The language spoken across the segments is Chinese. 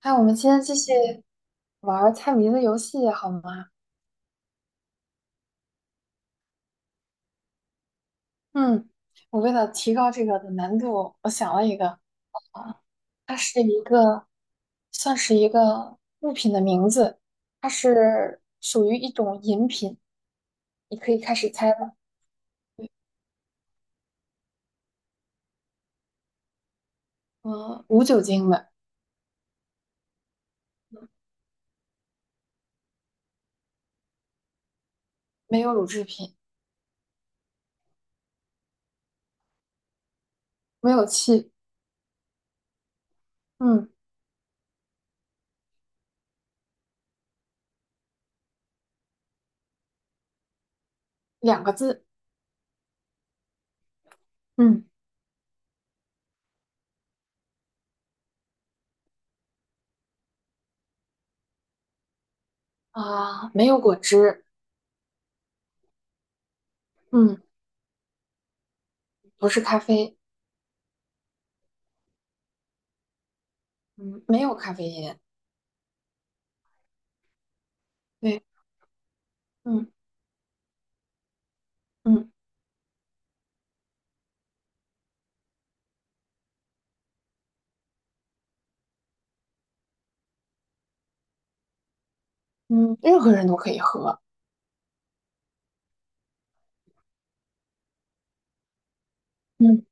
哎，我们今天继续玩儿猜谜的游戏好吗？嗯，我为了提高这个的难度，我想了一个，啊，它是一个，算是一个物品的名字，它是属于一种饮品，你可以开始猜了。嗯，无酒精的，没有乳制品，没有气，嗯，两个字，嗯没有果汁，嗯，不是咖啡，嗯，没有咖啡因，对，嗯嗯。嗯，任何人都可以喝。嗯，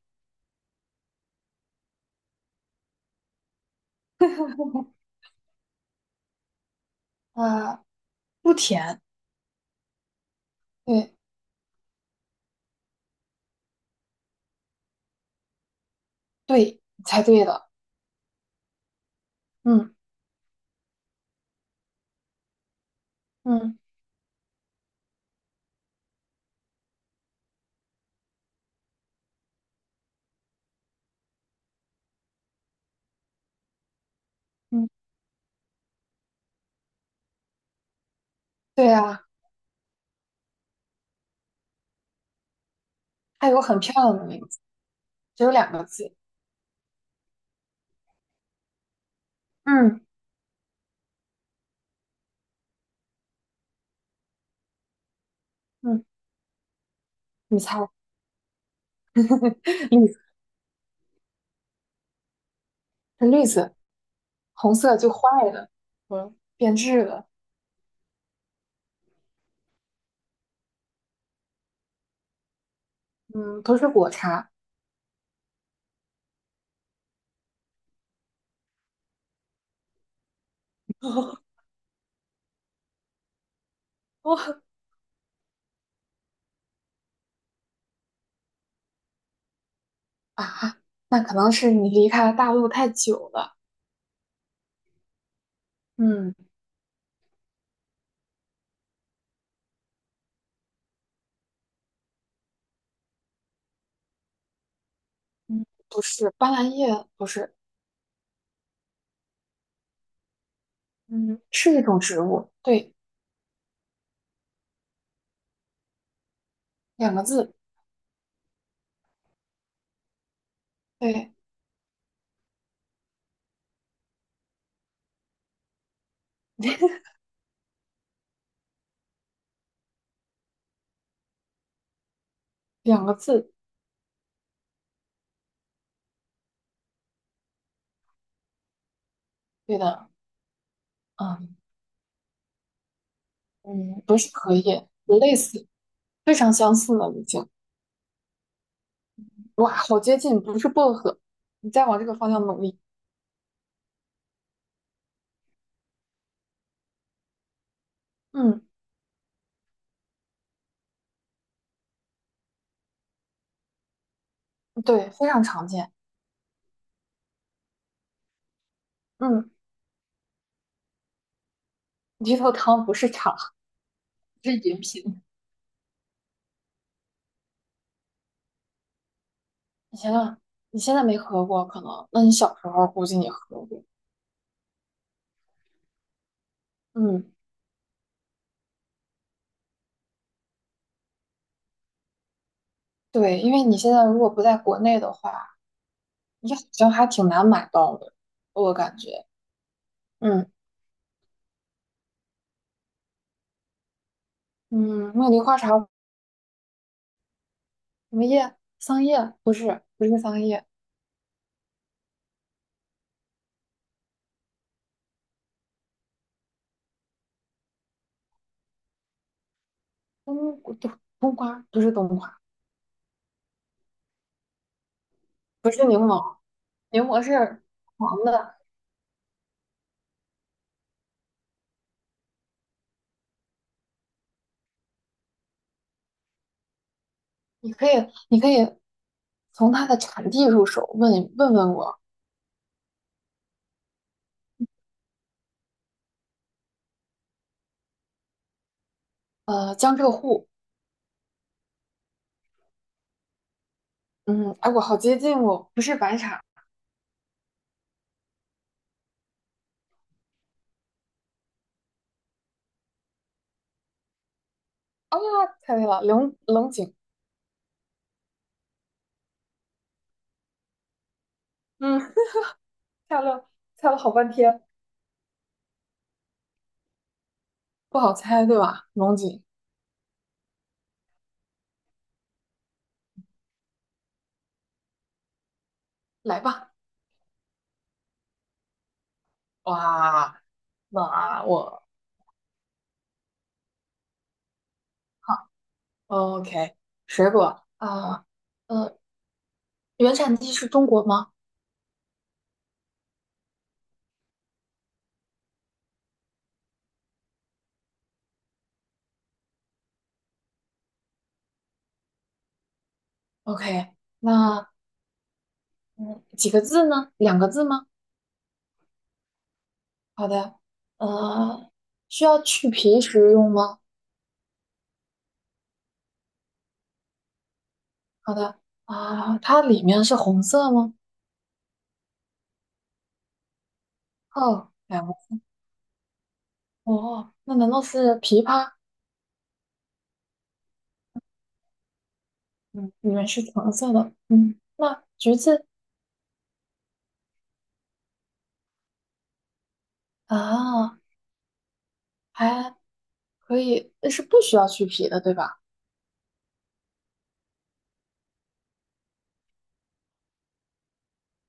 啊、不甜，对对，你猜对了。嗯嗯嗯，对啊，它有很漂亮的名字，只有两个字。嗯嗯，你猜，绿色是绿色，红色就坏了，嗯，变质了。嗯，不是果茶。啊，那可能是你离开大陆太久了。嗯嗯，不是，斑斓叶不是，嗯，是一种植物，对，两个字，对，两个字。对的，嗯嗯，不是荷叶，类似，非常相似了已经。哇，好接近，不是薄荷。你再往这个方向努力。嗯，对，非常常见。嗯，绿豆汤不是茶，是饮品。你想想，你现在没喝过，可能，那你小时候估计你喝过。嗯，对，因为你现在如果不在国内的话，你好像还挺难买到的，我感觉。嗯嗯，茉莉花茶什么叶？桑叶？不是，不是桑叶。冬瓜不是冬瓜，不是柠檬，柠檬是黄的。你可以，你可以从它的产地入手，问问我，江浙沪，嗯，哎，我好接近哦，不是白茶啊，猜对了，龙井，嗯，猜了猜了好半天，不好猜对吧？龙井，来吧，哇，那我好，OK，水果啊，呃，原产地是中国吗？OK，那嗯，几个字呢？两个字吗？好的，呃，需要去皮食用吗？好的，啊，它里面是红色吗？哦，两个字，哦，那难道是枇杷？嗯，里面是橙色的，嗯，那橘子啊，还可以，是不需要去皮的，对吧？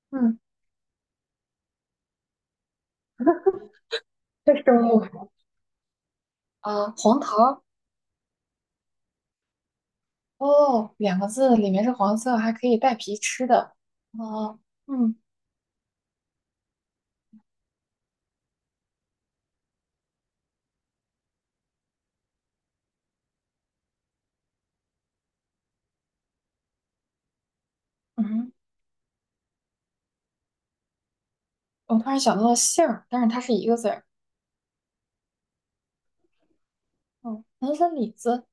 嗯，这生物啊，黄桃，哦，两个字，里面是黄色，还可以带皮吃的，哦，嗯嗯，我突然想到了杏儿，但是它是一个字儿。哦，南是李子，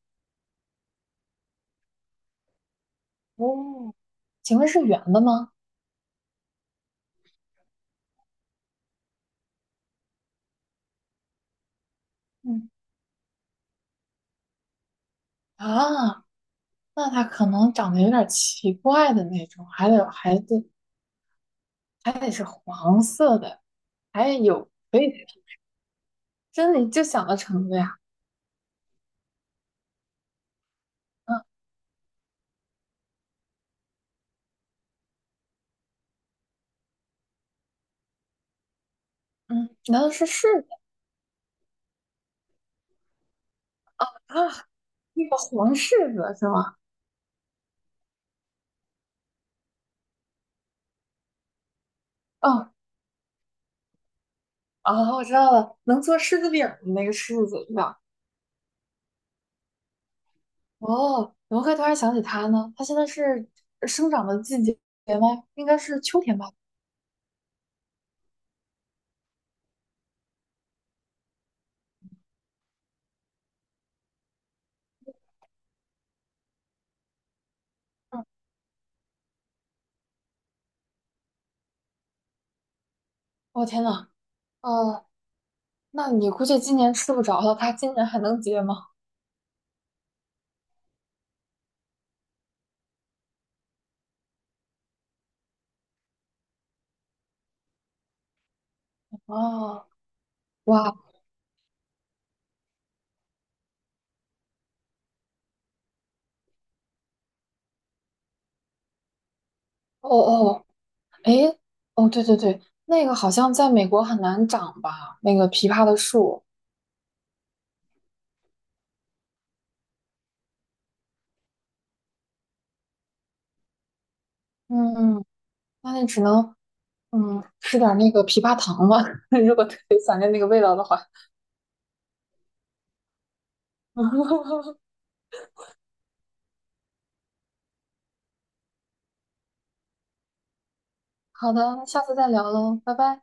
哦，请问是圆的吗？嗯啊，那它可能长得有点奇怪的那种，还得还得是黄色的，还有，以真的就想到橙子呀？嗯嗯，难道是柿子啊？那个黄柿子是吗？哦哦，我知道了，能做柿子饼儿的那个柿子是吧？哦，怎么会突然想起它呢？它现在是生长的季节吗？应该是秋天吧？嗯，哦天呐，哦，那你估计今年吃不着了，他今年还能结吗？哦，哇，哦哦，诶，哦，对对对，那个好像在美国很难长吧？那个枇杷的树，嗯，那你只能嗯吃点儿那个枇杷糖吧，如果特别想念那个味道的话。好的，那下次再聊喽，拜拜。